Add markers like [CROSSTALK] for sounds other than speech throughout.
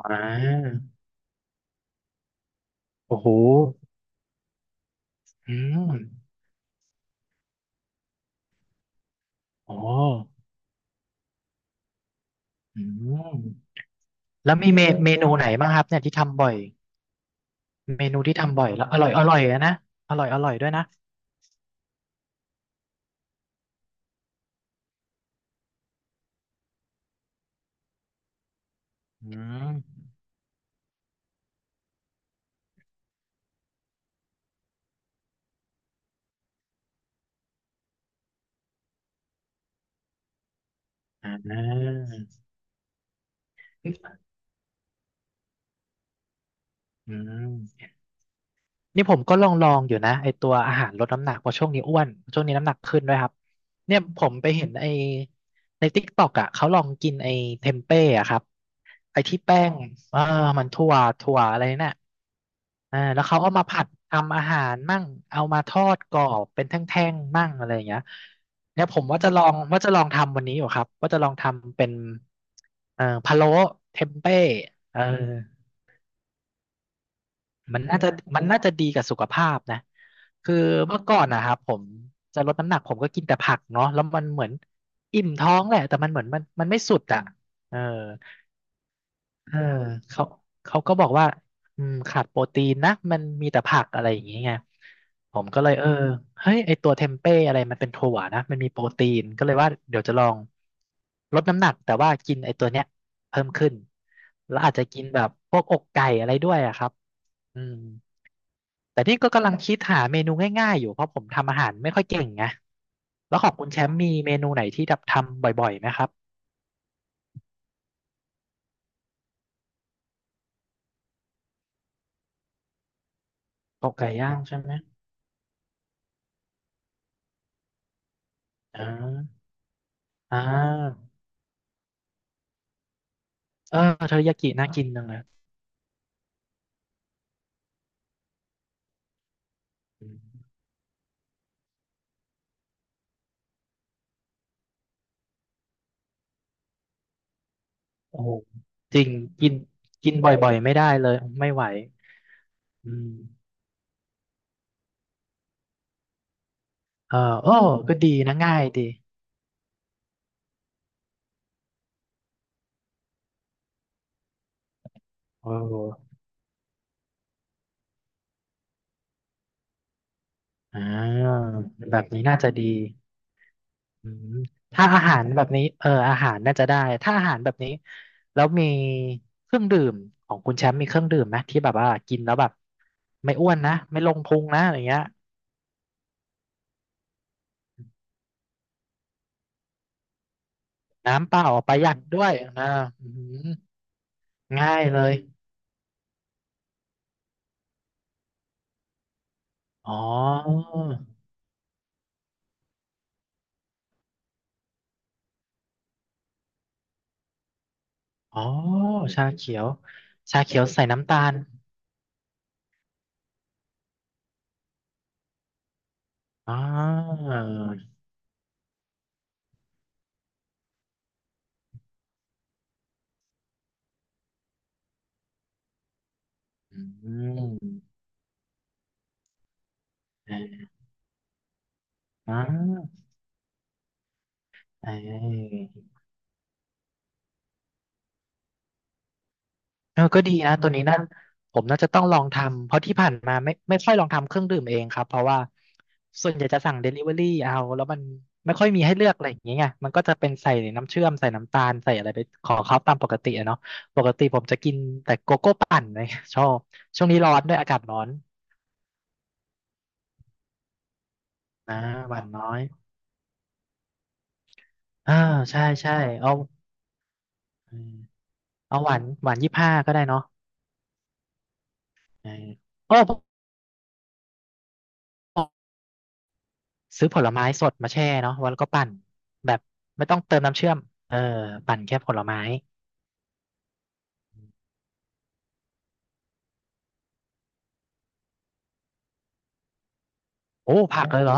อ่าโอ้โหอืมอ๋ออืมแล้วมีเมนูไหนบ้างครับเนี่ยที่ทำบ่อยเมนูที่ทำบ่อยแล้วอร่อยอร่อยอะนะอร่อยอร่อยด้วยนะอืมอ่าอืม นี่ผมก็ลองลองอยู่นะไอตัวอาหารลดน้ำหนักเพราะช่วงนี้อ้วนช่วงนี้น้ำหนักขึ้นด้วยครับเนี่ยผมไปเห็นไอในติ๊กต็อกอ่ะเขาลองกินไอเทมเป้อะครับไอที่แป้งเออมันถั่วถั่วอะไรน่ะอ่าแล้วเขาเอามาผัดทำอาหารมั่งเอามาทอดกรอบเป็นแท่งๆมั่งอะไรอย่างเงี้ยเนี่ยผมว่าจะลองว่าจะลองทำวันนี้อยู่ครับว่าจะลองทำเป็นเอ่อพะโล้เทมเป้เออ มันน่าจะมันน่าจะดีกับสุขภาพนะคือเมื่อก่อนนะครับผมจะลดน้ำหนักผมก็กินแต่ผักเนาะแล้วมันเหมือนอิ่มท้องแหละแต่มันเหมือนมันไม่สุดอ่ะเออเออเขาเขาก็บอกว่าอืมขาดโปรตีนนะมันมีแต่ผักอะไรอย่างเงี้ยไงผมก็เลยเออเฮ้ยไอตัวเทมเป้อะไรมันเป็นถั่วนะมันมีโปรตีนก็เลยว่าเดี๋ยวจะลองลดน้ำหนักแต่ว่ากินไอตัวเนี้ยเพิ่มขึ้นแล้วอาจจะกินแบบพวกอกไก่อะไรด้วยอะครับอืม แต่ที่ก็กำลังคิดหาเมนูง่ายๆอยู่เพราะผมทำอาหารไม่ค่อยเก่งไงแล้วของคุณแชมป์มีเมนูไหนที่แบบทำบ่อยๆไหมครับโต๊ะไก่ย่างใช่ไหมอ่าอ่าเออเทอริยากิน่ากินจังเลยอืมโอ้โหจริงกินกินบ่อยๆไม่ได้เลยไม่ไหวอืมเออโอ้ก็ดีนะง่ายดีโอ้อ่าแบบนี้น่าจะดี อืมถ้าอาหารแบบนี้เอออาหารน่าจะได้ถ้าอาหารแบบนี้แล้วมีเครื่องดื่มของคุณแชมป์มีเครื่องดื่มไหมที่แบบว่ากินแล้วแบบไม่อ้วนนะไม่ลงพุงนะอย่างเงี้ยน้ำเปล่าประหยัดด้วยนะอืมง่ายเลยอ๋ออ๋อชาเขียวชาเขียวใส่น้ำตาลอ๋ออืมอ่าอ่ เออก็ดีนะตัวนี้นั่นผมน่าจะต้องลองทำเพราะที่ผ่านมาไม่ค่อยลองทำเครื่องดื่มเองครับเพราะว่าส่วนใหญ่จะสั่งเดลิเวอรี่เอาแล้วมันไม่ค่อยมีให้เลือกอะไรอย่างเงี้ยไงมันก็จะเป็นใส่น้ำเชื่อมใส่น้ำตาลใส่อะไรไปของเขาตามปกติอะเนาะปกติผมจะกินแต่โกโก้ปั่นเลยชอบช่วงนี้ร้อนด้วยอากาศร้อนนะหวานน้อยอ่าใช่ใช่เอาเอาหวาน25ก็ได้เนาะเออโอ้ ซื้อผลไม้สดมาแช่เนาะวแล้วก็ปั่นแบบไม่ต้องเติมน้ำเชื่อมเออปั่นแค่ผลไม้ โอ้ ผักเลยเหรอ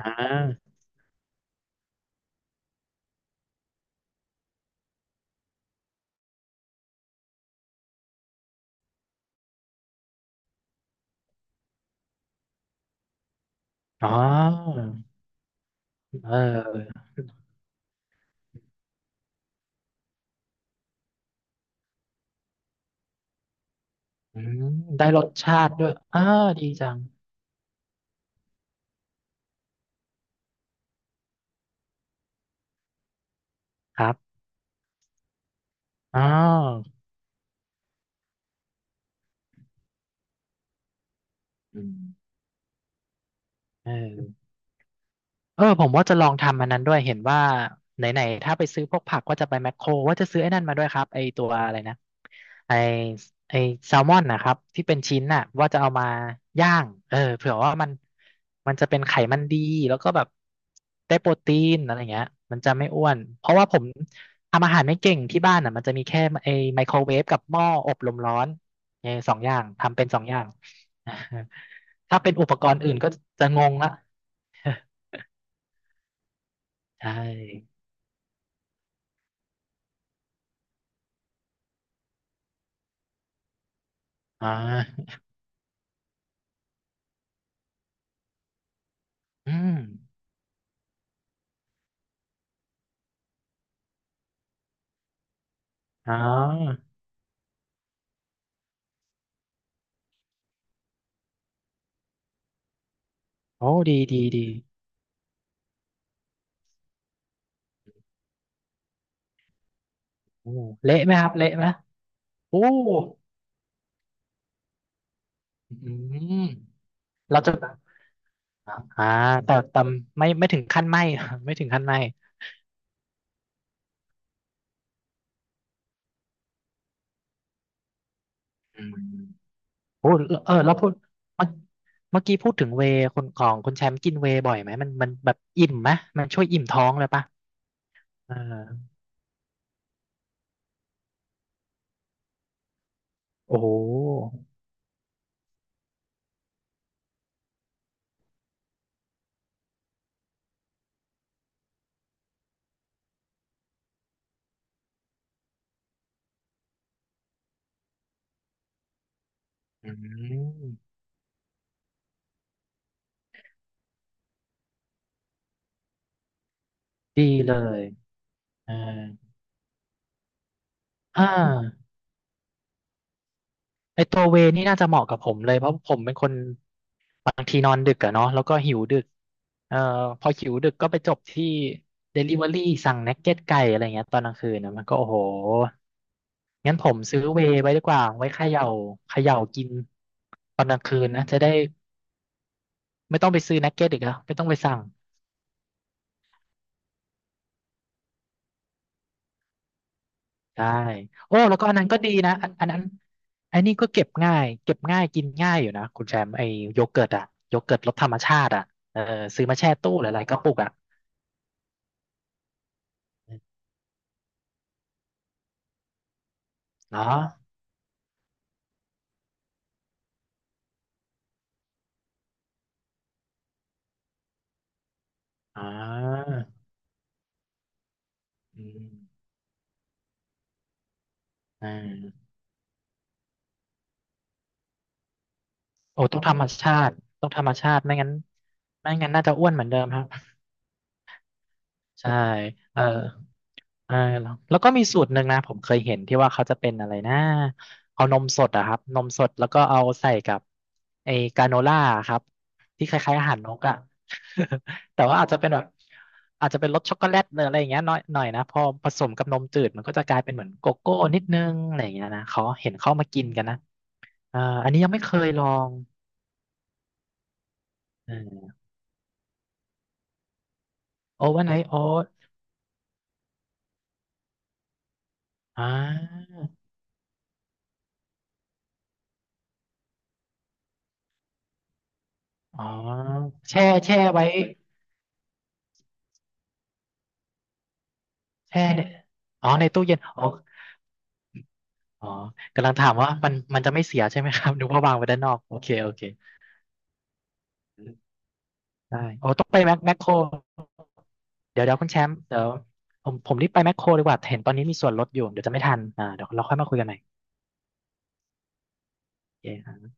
อ่าอ๋อเอออืมได้รสชาติด้วยอ่าดีจังครับอ๋ออืมเออ เออผมว่าจะลองทำอันนั้นด้วยเห็นว่าไหนๆถ้าไปซื้อพวกผักก็จะไปแมคโครว่าจะซื้อไอ้นั่นมาด้วยครับไอ้ตัวอะไรนะไอ้ไอ้แซลมอนนะครับที่เป็นชิ้นน่ะว่าจะเอามาย่างเออเผื่อว่ามันมันจะเป็นไขมันดีแล้วก็แบบได้โปรตีนอะไรเงี้ยมันจะไม่อ้วนเพราะว่าผมทำอาหารไม่เก่งที่บ้านอ่ะมันจะมีแค่ไอ้ไมโครเวฟกับหม้ออบลมร้อนเออสองอย่างทำเป็นสองอย่าง [LAUGHS] ถ้าเป็นอุปกรณ์อื่นก็จะงงละใช่ อ่าอืมอ๋อโอ้ดีดีดีโอ้เละไหมครับเละไหมโอ้อืมเราจะแบบอ่าแต่ไม่ถึงขั้นไหม [LAUGHS] ไม่ถึงขั้นไหมอืมโอ้เออแล้วพูดเมื่อเมื่อกี้พูดถึงเวย์คนของคุณแชมป์กินเวย์บ่อยไหมมันแบบอิ่มไหมมันช่วยอิ่มท้องเลยปะอ่าโอ้โหอืมดีเลยอ่าอ่าไอตัวเวนี่น่าจะเหมาะกับผมเลยเพราะผมเป็นคน บางทีนอนดึกอะเนาะแล้วก็หิวดึกเอ่อพอหิวดึกก็ไปจบที่ Delivery สั่งนักเก็ตไก่อะไรเงี้ยตอนกลางคืนนะมันก็โอ้โหงั้นผมซื้อเวย์ไว้ดีกว่าไว้เขย่าเขย่ากินตอนกลางคืนนะจะได้ไม่ต้องไปซื้อนักเก็ตอีกแล้วไม่ต้องไปสั่งใช่โอ้แล้วก็อันนั้นก็ดีนะอันนั้นอันนี้ก็เก็บง่ายเก็บง่ายกินง่ายอยู่นะคุณแชมป์ไอ้โยเกิร์ตอะโยเกิร์ตรสธรรมชาติอะเออซื้อมาแช่ตู้หลายๆกระปุกอะเนาะอ่าอืม อ่าโอ้ต้องธรรมชาติต้องธรรมชาติไม่งั้นไม่งั้นน่าจะอ้วนเหมือนเดิมครับใช่เออเออแล้วแล้วก็มีสูตรหนึ่งนะผมเคยเห็นที่ว่าเขาจะเป็นอะไรนะเอานมสดอะครับนมสดแล้วก็เอาใส่กับไอ้กราโนล่าครับที่คล้ายๆอาหารนกอะ [LAUGHS] แต่ว่าอาจจะเป็นแบบอาจจะเป็นรสช็อกโกแลตหรืออะไรอย่างเงี้ยหน่อยหน่อยนะพอผสมกับนมจืดมันก็จะกลายเป็นเหมือนโกโก้นิดนึงอะไรอย่างเงี้ยนะเขาเห็นเขามากินกันนะเอออันนี้ยังไม่เคยลอง โอเวอร์ไนท์โอ๊ตอ่าอ๋อแช่ไว้ แช่เนี่ยอ๋อในตู้เย็นอ๋ออ๋อกำลังถามว่ามันมันจะไม่เสียใช่ไหมครับ [LAUGHS] นึกว่าวางไว้ด้านนอกโอเคโอเค ได้ โอ้ ต้องไปแมคโครเดี๋ยวเดี๋ยวคุณแชมป์เดี๋ยว ผมรีบไปแมคโครดีกว่า เห็นตอนนี้มีส่วนลดอยู่ เดี๋ยวจะไม่ทันอ่าเดี๋ยวเราค่อยมาคุยกันใหม่โอเค